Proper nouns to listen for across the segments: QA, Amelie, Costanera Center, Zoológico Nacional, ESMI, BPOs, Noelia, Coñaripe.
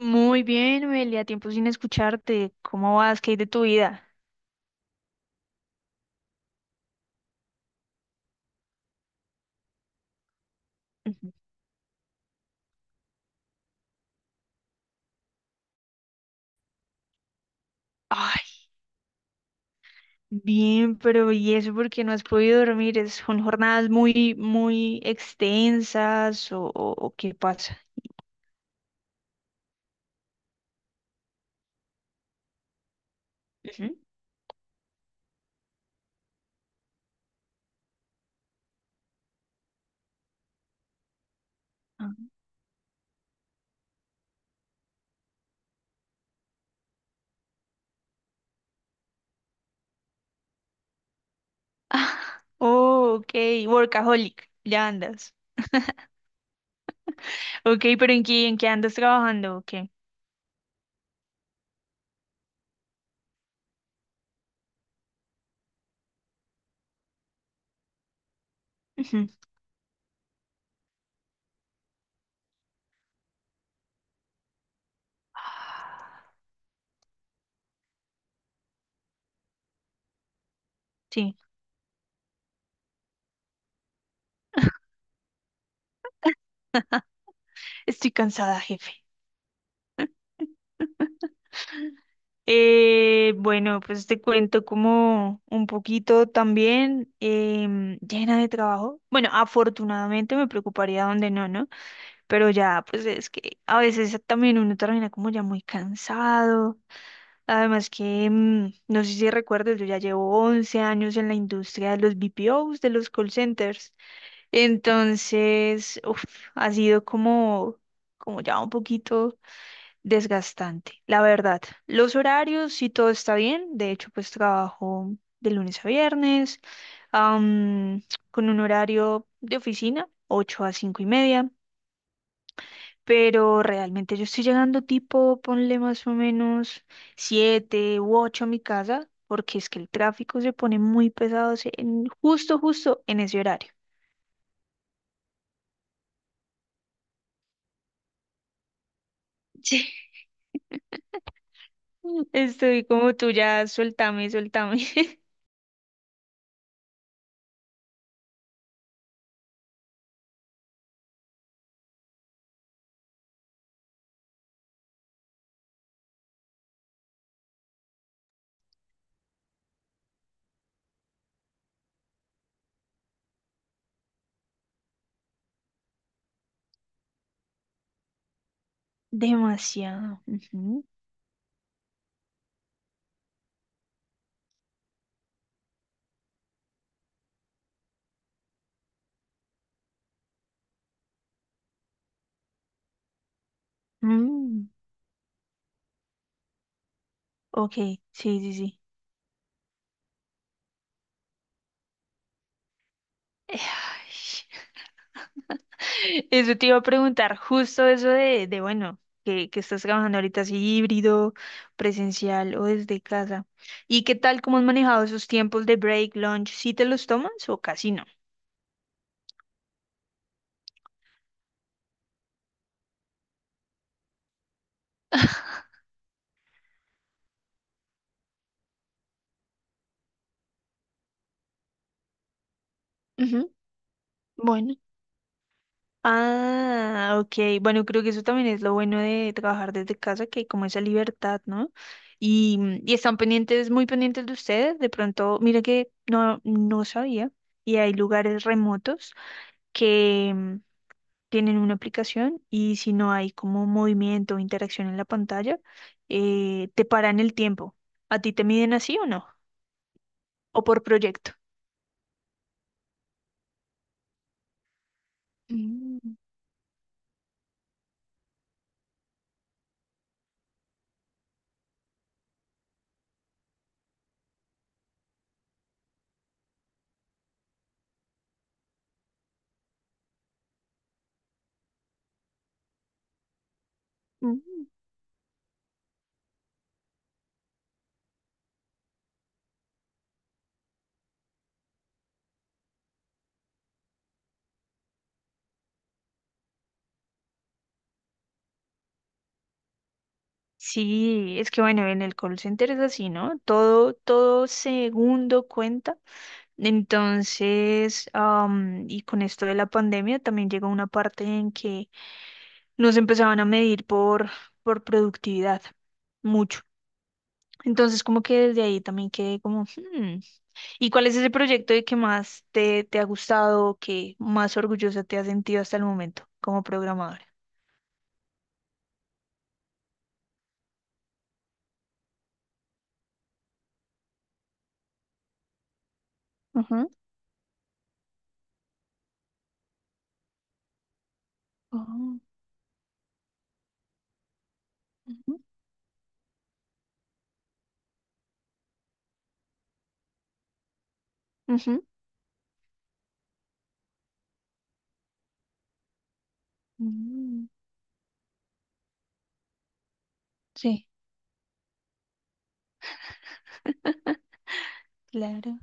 Muy bien, Noelia, tiempo sin escucharte. ¿Cómo vas? ¿Qué hay de tu vida? Ujú. Ay, bien, pero ¿y eso porque no has podido dormir? ¿Son jornadas muy, muy extensas o qué pasa? Ujú. Ah. Oh, ok, workaholic, ya andas. Ok, pero ¿en qué andas trabajando? ¿O qué? Ujú. Ah, sí, estoy cansada, jefe. Bueno, pues te cuento como un poquito también, llena de trabajo. Bueno, afortunadamente me preocuparía donde no, ¿no? Pero ya, pues es que a veces también uno termina como ya muy cansado. Además que, no sé si recuerdas, yo ya llevo 11 años en la industria de los BPOs, de los call centers. Entonces, uf, ha sido como ya un poquito desgastante, la verdad. Los horarios, sí, todo está bien. De hecho, pues trabajo de lunes a viernes, am, con un horario de oficina, 8:00 a 5:30. Pero realmente yo estoy llegando tipo, ponle más o menos 7:00 u 8:00 a mi casa, porque es que el tráfico se pone muy pesado en, justo, justo en ese horario. Sí. Estoy como tú, ya suéltame, suéltame. Demasiado. Ujú. Mm. Ok, sí, sí, sí. Ay, eso te iba a preguntar, justo eso de bueno, que estás trabajando ahorita así híbrido, presencial o desde casa. ¿Y qué tal, cómo has manejado esos tiempos de break, lunch? ¿Sí te los tomas o casi no? Ujú. Bueno. Ah, ok. Bueno, creo que eso también es lo bueno de trabajar desde casa, que hay como esa libertad, ¿no? Y están pendientes, muy pendientes de ustedes. De pronto, mira que no sabía. Y hay lugares remotos que, tienen una aplicación, y si no hay como movimiento o interacción en la pantalla, te paran el tiempo. ¿A ti te miden así o no? ¿O por proyecto? Mm. Mm. Sí, es que bueno, en el call center es así, ¿no? Todo segundo cuenta. Entonces, y con esto de la pandemia también llegó una parte en que nos empezaban a medir por productividad, mucho. Entonces, como que desde ahí también quedé como, "Hmm, ¿y cuál es ese proyecto de que más te ha gustado o que más orgullosa te has sentido hasta el momento como programadora?" Ujú. Oh, ujú. Ujú. Mm, sí. Claro.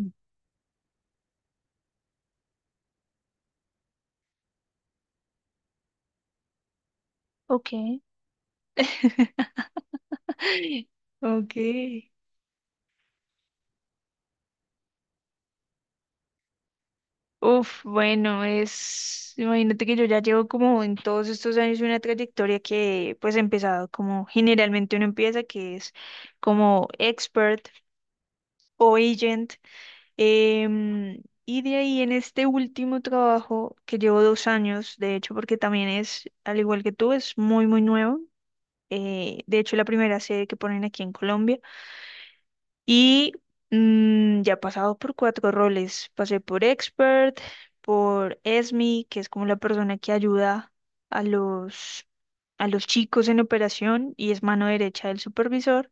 Mm. Ok. Ok. Uf, bueno, imagínate que yo ya llevo como en todos estos años una trayectoria que pues he empezado como generalmente uno empieza, que es como expert o agent. Y de ahí en este último trabajo que llevo 2 años, de hecho, porque también es, al igual que tú, es muy, muy nuevo. De hecho, la primera sede que ponen aquí en Colombia. Y, ya he pasado por cuatro roles. Pasé por expert, por ESMI, que es como la persona que ayuda a los, a los chicos en operación y es mano derecha del supervisor.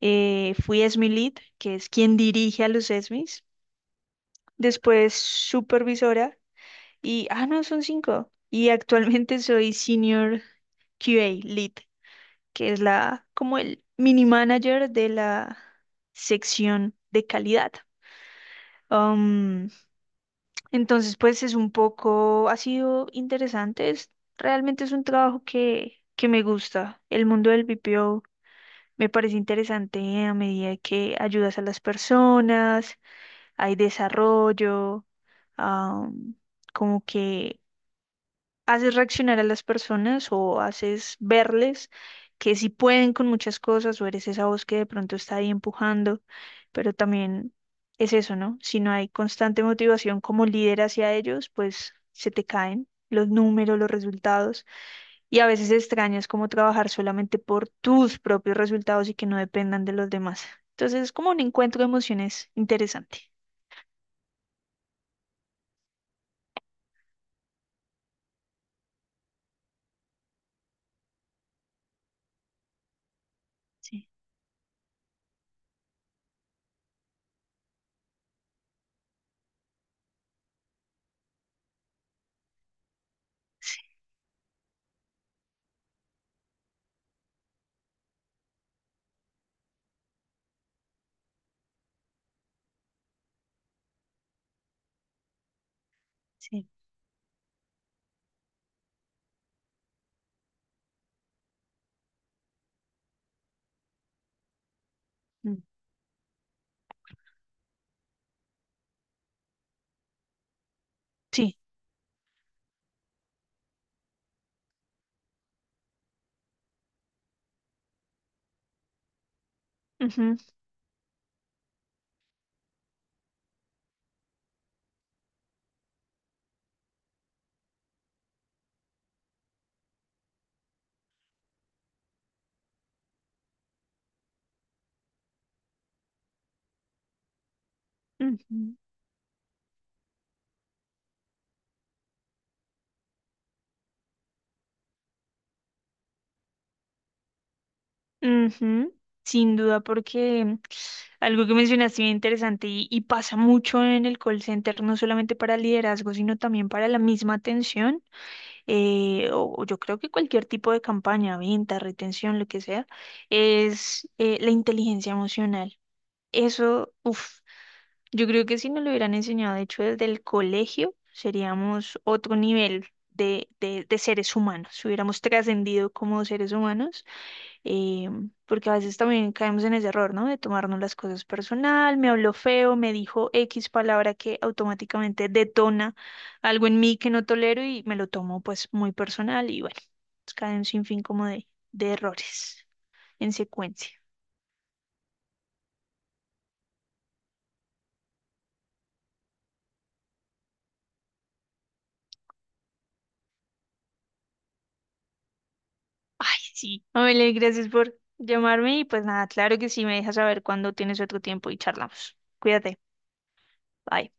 Fui ESMI lead, que es quien dirige a los ESMIs. Después supervisora y, no, son cinco. Y actualmente soy senior QA lead, que es como el mini manager de la sección de calidad. Am, entonces, pues es un poco, ha sido interesante, realmente es un trabajo que me gusta. El mundo del B P O me parece interesante a medida que ayudas a las personas, hay desarrollo, am, como que haces reaccionar a las personas o haces verles que sí pueden con muchas cosas, o eres esa voz que de pronto está ahí empujando, pero también es eso, ¿no? Si no hay constante motivación como líder hacia ellos, pues se te caen los números, los resultados, y a veces extrañas cómo trabajar solamente por tus propios resultados y que no dependan de los demás. Entonces es como un encuentro de emociones interesante. Sí, sí, sí. Mm. Sí. Ujú, ujú. Ujú, sin duda, porque algo que mencionaste bien interesante, y pasa mucho en el call center, no solamente para liderazgo, sino también para la misma atención, o yo creo que cualquier tipo de campaña, venta, retención, lo que sea, es la inteligencia emocional. Eso, uff, yo creo que si nos lo hubieran enseñado, de hecho, desde el colegio, seríamos otro nivel de seres humanos, hubiéramos trascendido como seres humanos, eh, porque a veces también caemos en ese error, ¿no? De tomarnos las cosas personal, me habló feo, me dijo X palabra que automáticamente detona algo en mí que no tolero y me lo tomo pues muy personal, y bueno, pues, cae un sinfín como de errores en secuencia. Ay, sí, Amelie, gracias por llamarme y pues nada, claro que sí, me dejas saber cuando tienes otro tiempo y charlamos. Cuídate, bye.